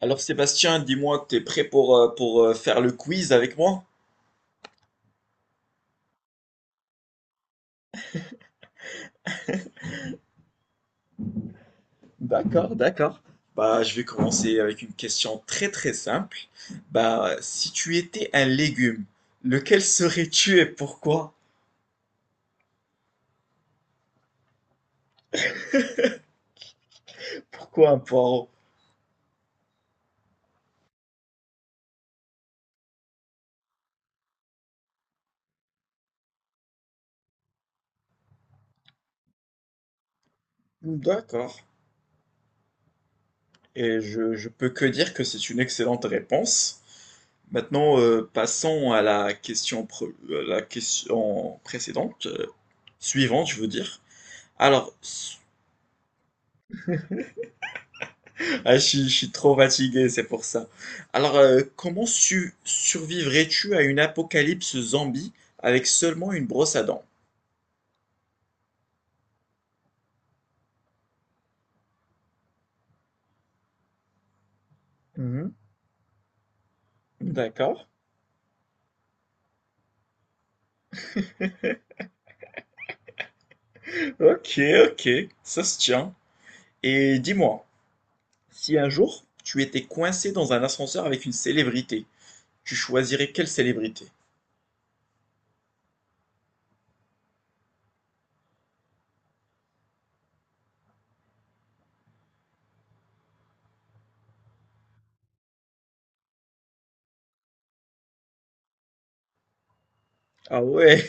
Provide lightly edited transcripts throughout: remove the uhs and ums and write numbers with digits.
Alors Sébastien, dis-moi que tu es prêt pour, pour faire le quiz avec moi? D'accord. Je vais commencer avec une question très très simple. Bah, si tu étais un légume, lequel serais-tu et pourquoi? Pourquoi un poireau? D'accord. Et je peux que dire que c'est une excellente réponse. Maintenant, passons à la à la question précédente, suivante, je veux dire. Alors, ah, je suis trop fatigué, c'est pour ça. Alors, comment survivrais-tu à une apocalypse zombie avec seulement une brosse à dents? Mhm. D'accord. Ok, ok, ça se tient. Et dis-moi, si un jour tu étais coincé dans un ascenseur avec une célébrité, tu choisirais quelle célébrité? Ah ouais,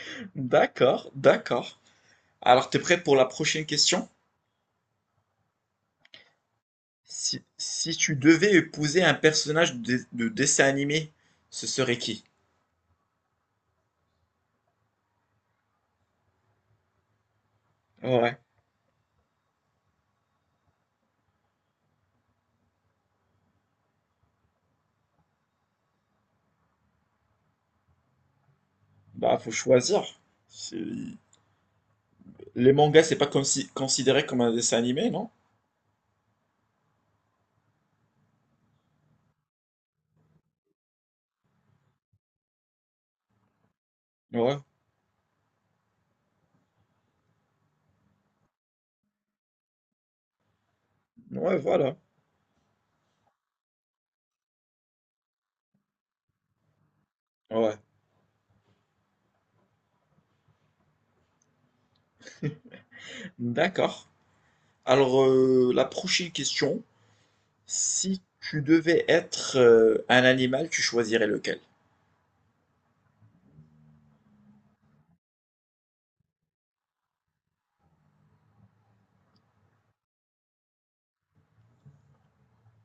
d'accord, d'accord. Alors, t'es prêt pour la prochaine question? Si tu devais épouser un personnage de dessin animé, ce serait qui? Ouais. Bah, faut choisir. C'est- les mangas, c'est pas considéré comme un dessin animé, non? Ouais, ouais, voilà. Ouais, d'accord. Alors, la prochaine question, si tu devais être un animal, tu choisirais lequel?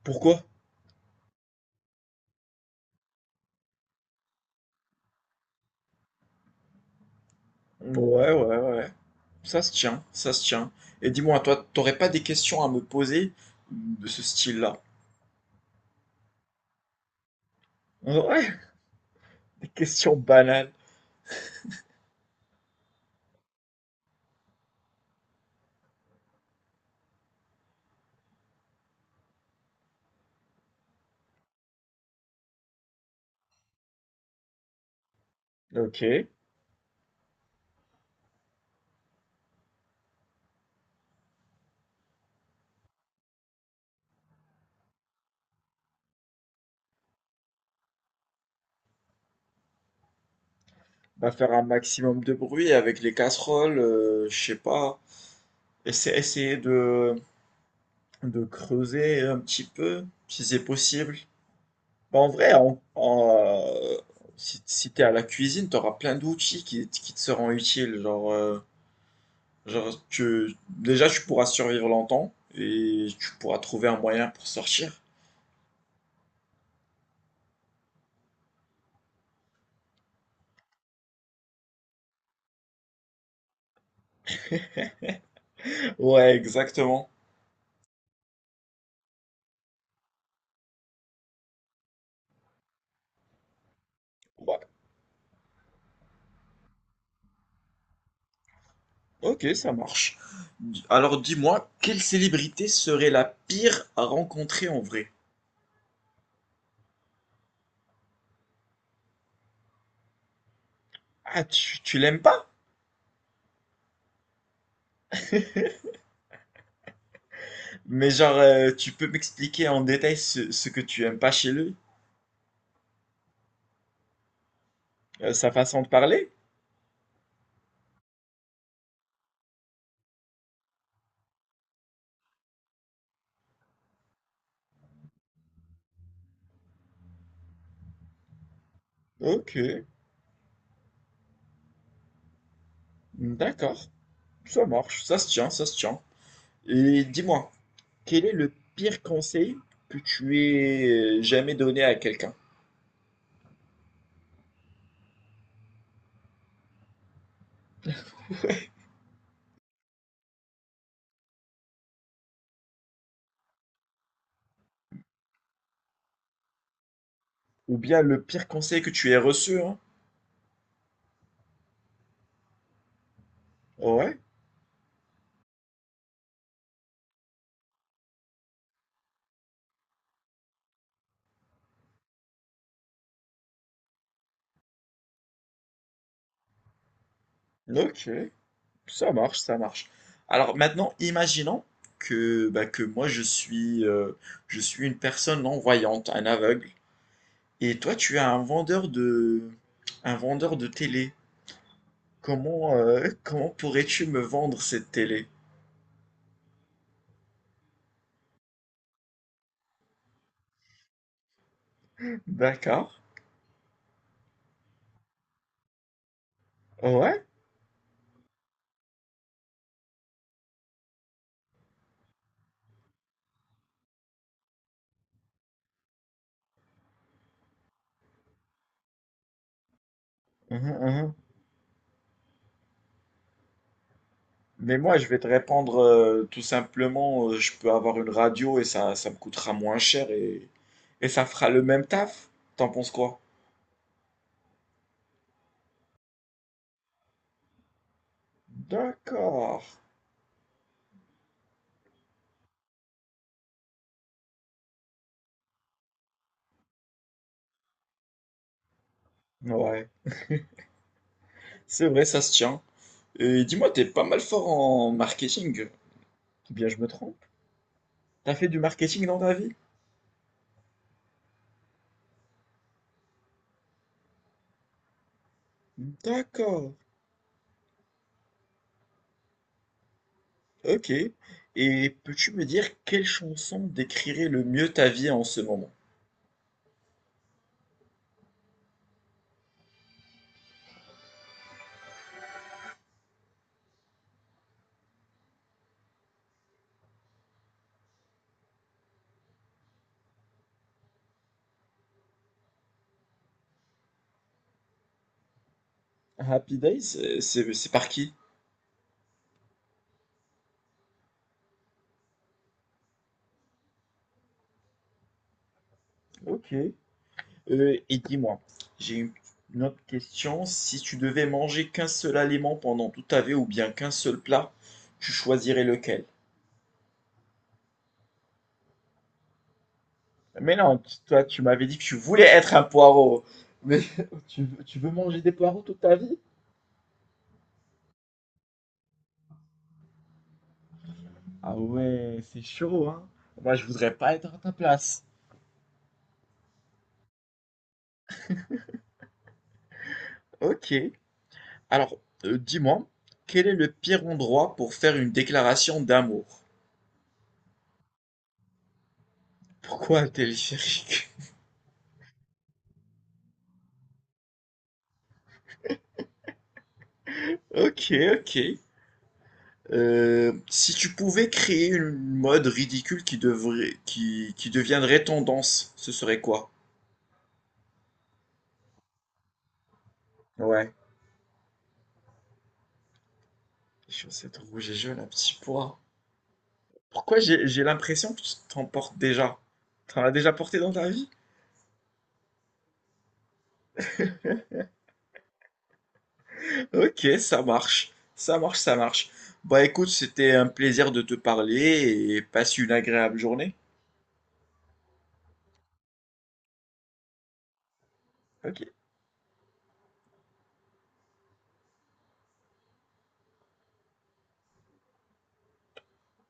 Pourquoi? Ouais, ouais, ouais. Ça se tient, ça se tient. Et dis-moi, toi, t'aurais pas des questions à me poser de ce style-là? Ouais, des questions banales. Ok. Bah, faire un maximum de bruit avec les casseroles, je sais pas. Et c'est essayer de creuser un petit peu, si c'est possible. Bah, en vrai, si, si t'es à la cuisine, t'auras plein d'outils qui te seront utiles. Genre, genre déjà, tu pourras survivre longtemps et tu pourras trouver un moyen pour sortir. Ouais, exactement. Ouais, ok, ça marche. Alors dis-moi, quelle célébrité serait la pire à rencontrer en vrai? Ah, tu l'aimes pas? Mais genre, tu peux m'expliquer en détail ce que tu aimes pas chez lui? Sa façon de parler? Ok, d'accord, ça marche, ça se tient, ça se tient. Et dis-moi, quel est le pire conseil que tu aies jamais donné à quelqu'un? Ou bien le pire conseil que tu aies reçu, hein? Ouais, ok, ça marche, ça marche. Alors maintenant, imaginons que, bah, que moi je suis une personne non-voyante, un aveugle. Et toi, tu es un vendeur de télé. Comment, comment pourrais-tu me vendre cette télé? D'accord. Ouais. Mhm, mhm. Mais moi, je vais te répondre tout simplement, je peux avoir une radio et ça me coûtera moins cher et ça fera le même taf. T'en penses quoi? D'accord. Ouais. C'est vrai, ça se tient. Et dis-moi, t'es pas mal fort en marketing. Ou bien je me trompe. T'as fait du marketing dans ta vie? D'accord. OK. Et peux-tu me dire quelle chanson décrirait le mieux ta vie en ce moment? Happy Days, c'est par qui? OK. Et dis-moi, j'ai une autre question. Si tu devais manger qu'un seul aliment pendant toute ta vie ou bien qu'un seul plat, tu choisirais lequel? Mais non, tu toi, tu m'avais dit que tu voulais être un poireau. Mais tu veux manger des poireaux toute ta vie? Ah ouais, c'est chaud, hein. Moi, je voudrais pas être à ta place. OK. Alors, dis-moi, quel est le pire endroit pour faire une déclaration d'amour? Pourquoi un téléphérique? OK, OK. Si tu pouvais créer une mode ridicule qui devrait qui deviendrait tendance, ce serait quoi? Ouais. Les chaussettes rouges et jaunes à petits pois. Pourquoi j'ai l'impression que tu t'en portes déjà? Tu en as déjà porté dans ta vie? OK, ça marche. Ça marche, ça marche. Bah, écoute, c'était un plaisir de te parler et passe une agréable journée. OK.